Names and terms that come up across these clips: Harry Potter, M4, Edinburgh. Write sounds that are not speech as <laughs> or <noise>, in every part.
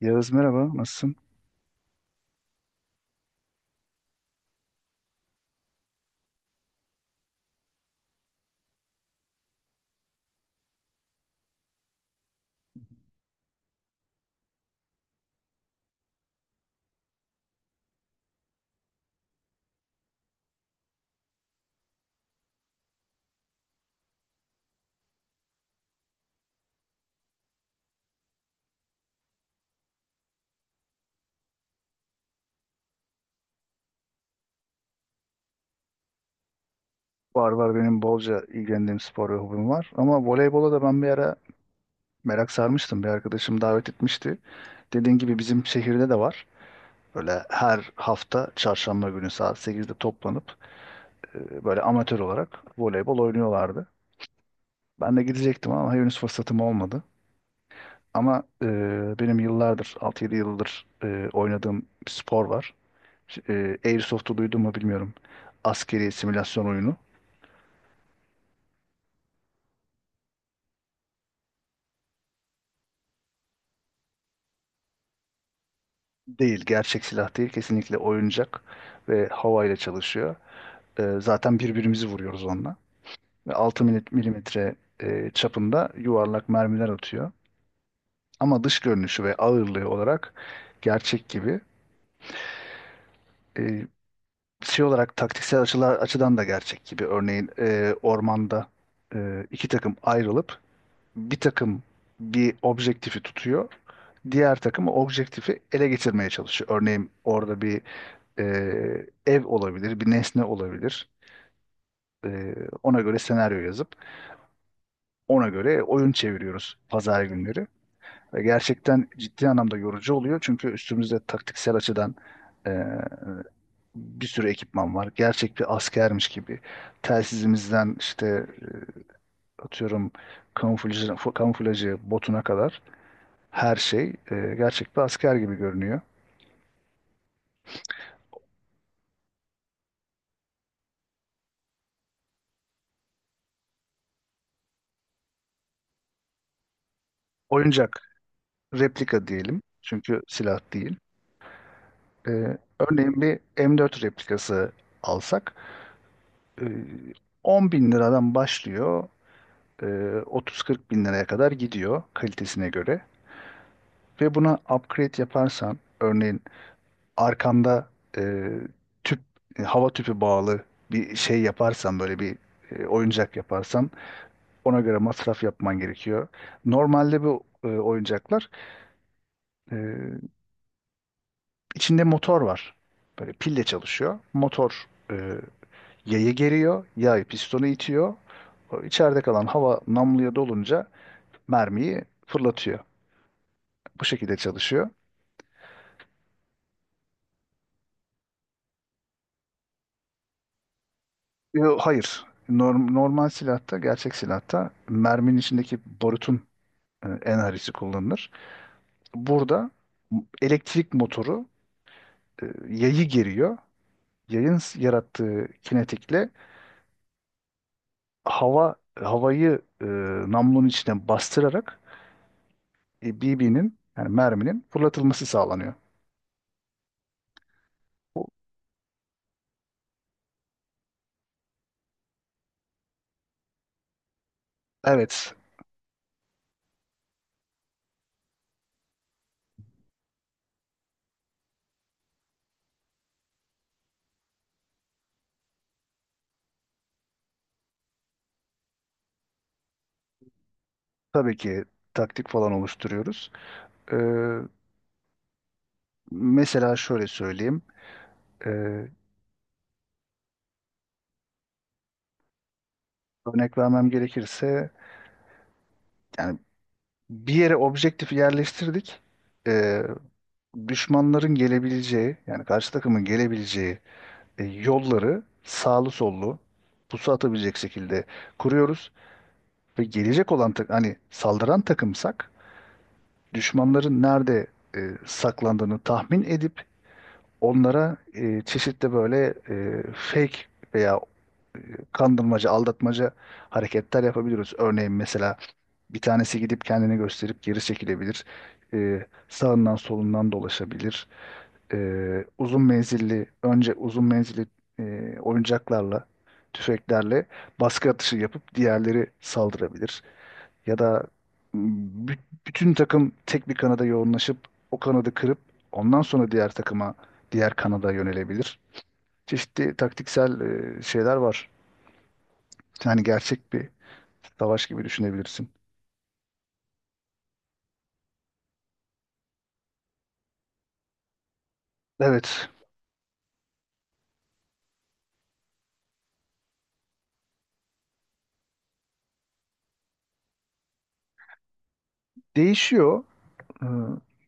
Yağız merhaba, nasılsın? Var var benim bolca ilgilendiğim spor ve hobim var. Ama voleybola da ben bir ara merak sarmıştım. Bir arkadaşım davet etmişti. Dediğin gibi bizim şehirde de var. Böyle her hafta çarşamba günü saat 8'de toplanıp böyle amatör olarak voleybol oynuyorlardı. Ben de gidecektim ama henüz fırsatım olmadı. Ama benim yıllardır, 6-7 yıldır oynadığım bir spor var. Airsoft'u duydun mu bilmiyorum. Askeri simülasyon oyunu. Değil, gerçek silah değil. Kesinlikle oyuncak ve havayla çalışıyor. Zaten birbirimizi vuruyoruz onunla. Ve 6 milimetre çapında yuvarlak mermiler atıyor. Ama dış görünüşü ve ağırlığı olarak gerçek gibi. Ee, şey olarak taktiksel açılar, açıdan da gerçek gibi. Örneğin ormanda iki takım ayrılıp bir takım bir objektifi tutuyor. Diğer takım o objektifi ele geçirmeye çalışıyor. Örneğin orada bir ev olabilir, bir nesne olabilir. Ee, ona göre senaryo yazıp ona göre oyun çeviriyoruz pazar günleri. Ve gerçekten ciddi anlamda yorucu oluyor çünkü üstümüzde taktiksel açıdan ee, bir sürü ekipman var. Gerçek bir askermiş gibi. Telsizimizden işte atıyorum kamuflajı botuna kadar her şey gerçek bir asker gibi görünüyor. Oyuncak replika diyelim çünkü silah değil. Örneğin bir M4 replikası alsak e, 10 bin liradan başlıyor 30-40 bin liraya kadar gidiyor kalitesine göre ve buna upgrade yaparsan örneğin arkanda e, tüp hava tüpü bağlı bir şey yaparsan böyle bir oyuncak yaparsan ona göre masraf yapman gerekiyor. Normalde bu oyuncaklar e, içinde motor var. Böyle pille çalışıyor. Motor yayı geriyor, yay pistonu itiyor. O içeride kalan hava namluya dolunca mermiyi fırlatıyor. Bu şekilde çalışıyor. Yo, hayır. Normal silahta, gerçek silahta merminin içindeki barutun enerjisi kullanılır. Burada elektrik motoru yayı geriyor. Yayın yarattığı kinetikle havayı namlunun içine bastırarak BB'nin yani merminin fırlatılması sağlanıyor. Bu- Evet, tabii ki taktik falan oluşturuyoruz. Ee, mesela şöyle söyleyeyim. Ee, örnek vermem gerekirse yani bir yere objektifi yerleştirdik. Ee, düşmanların gelebileceği yani karşı takımın gelebileceği yolları sağlı sollu pusu atabilecek şekilde kuruyoruz. Ve gelecek olan hani saldıran takımsak düşmanların nerede saklandığını tahmin edip onlara çeşitli böyle fake veya e, kandırmaca, aldatmaca hareketler yapabiliyoruz. Örneğin mesela bir tanesi gidip kendini gösterip geri çekilebilir. Sağından solundan dolaşabilir. E, uzun menzilli, oyuncaklarla, tüfeklerle baskı atışı yapıp diğerleri saldırabilir. Ya da bü- bütün takım tek bir kanada yoğunlaşıp o kanadı kırıp ondan sonra diğer takıma, diğer kanada yönelebilir. Çeşitli taktiksel şeyler var. Yani gerçek bir savaş gibi düşünebilirsin. Evet, değişiyor. Ee,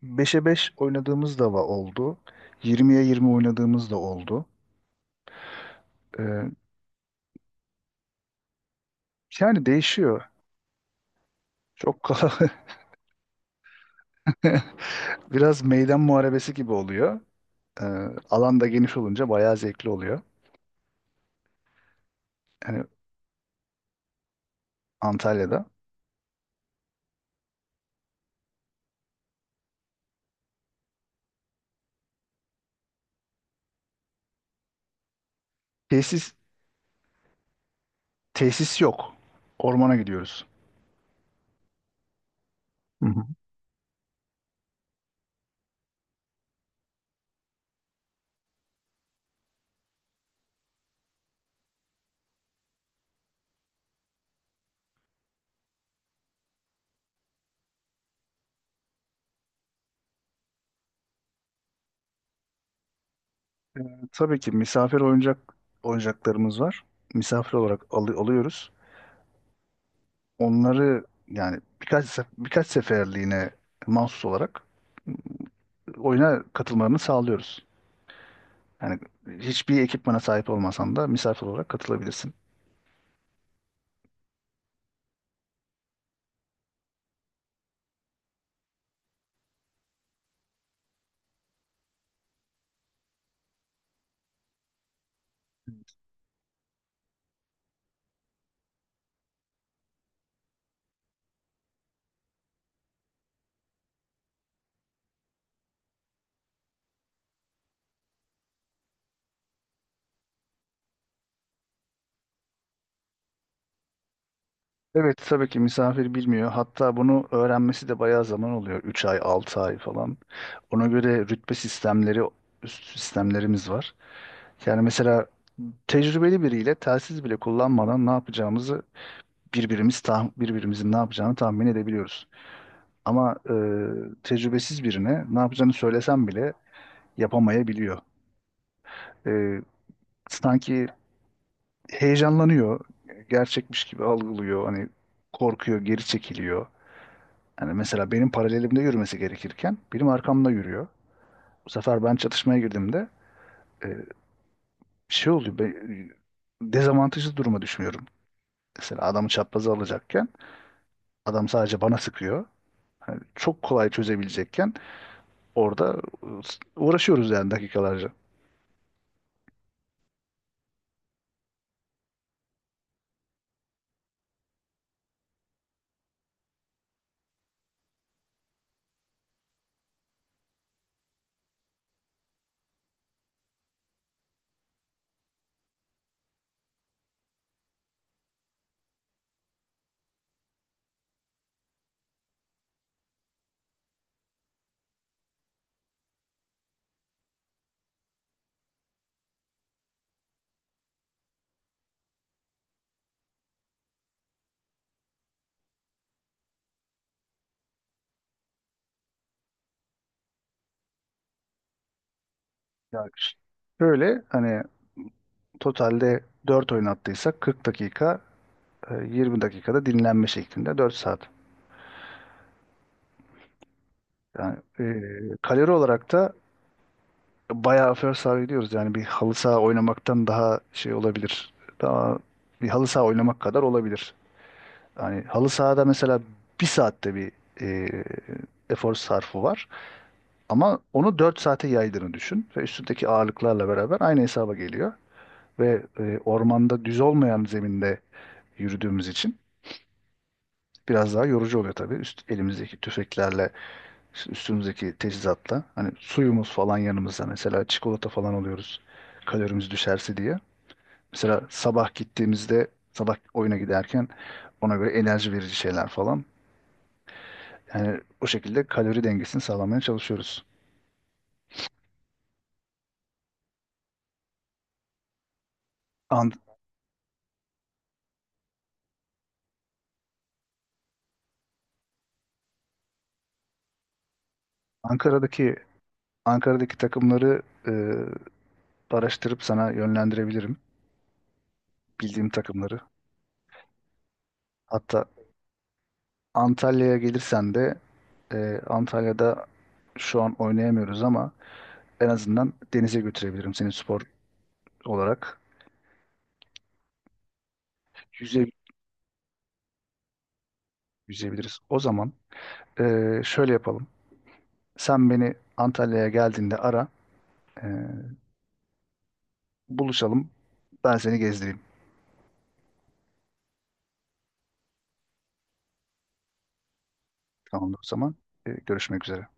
5'e 5 oynadığımız da oldu. 20-20 oynadığımız da oldu. Ee, yani değişiyor. Çok kala <laughs> biraz meydan muharebesi gibi oluyor. Ee, alan da geniş olunca bayağı zevkli oluyor. Yani. Antalya'da. Tesis tesis yok. Ormana gidiyoruz. Hı hı. Tabii ki misafir oyuncaklarımız var. Misafir olarak alıyoruz. Onları yani birkaç seferliğine mahsus olarak oyuna katılmalarını sağlıyoruz. Yani hiçbir ekipmana sahip olmasan da misafir olarak katılabilirsin. Evet tabii ki misafir bilmiyor. Hatta bunu öğrenmesi de bayağı zaman oluyor. 3 ay, 6 ay falan. Ona göre rütbe sistemleri, üst sistemlerimiz var. Yani mesela tecrübeli biriyle telsiz bile kullanmadan ne yapacağımızı birbirimizin ne yapacağını tahmin edebiliyoruz. Ama tecrübesiz birine ne yapacağını söylesem bile yapamayabiliyor. E, sanki heyecanlanıyor, gerçekmiş gibi algılıyor, hani korkuyor, geri çekiliyor. Yani mesela benim paralelimde yürümesi gerekirken benim arkamda yürüyor. Bu sefer ben çatışmaya girdiğimde e, şey oluyor, dezavantajlı duruma düşmüyorum. Mesela adamı çapraza alacakken adam sadece bana sıkıyor. Yani çok kolay çözebilecekken orada ıı, uğraşıyoruz yani dakikalarca. Yani şöyle hani totalde dört oyun oynattıysak 40 dakika, 20 dakikada dinlenme şeklinde 4 saat. Yani kalori olarak da bayağı first saha gidiyoruz. Yani bir halı saha oynamaktan daha şey olabilir. Daha bir halı saha oynamak kadar olabilir. Yani halı sahada mesela bir saatte bir e, efor sarfı var. Ama onu 4 saate yaydığını düşün ve üstündeki ağırlıklarla beraber aynı hesaba geliyor. Ve ormanda düz olmayan zeminde yürüdüğümüz için biraz daha yorucu oluyor tabii. Üst, elimizdeki tüfeklerle, üstümüzdeki teçhizatla. Hani suyumuz falan yanımızda mesela çikolata falan alıyoruz kalorimiz düşerse diye. Mesela sabah gittiğimizde, sabah oyuna giderken ona göre enerji verici şeyler falan. Yani o şekilde kalori dengesini sağlamaya çalışıyoruz. An- Ankara'daki Ankara'daki takımları e, araştırıp sana yönlendirebilirim bildiğim takımları. Hatta Antalya'ya gelirsen de Antalya'da şu an oynayamıyoruz ama en azından denize götürebilirim seni spor olarak. Yüze, yüzebiliriz. O zaman e, şöyle yapalım. Sen beni Antalya'ya geldiğinde ara, e, buluşalım. Ben seni gezdireyim. Tamamdır o zaman. Görüşmek üzere.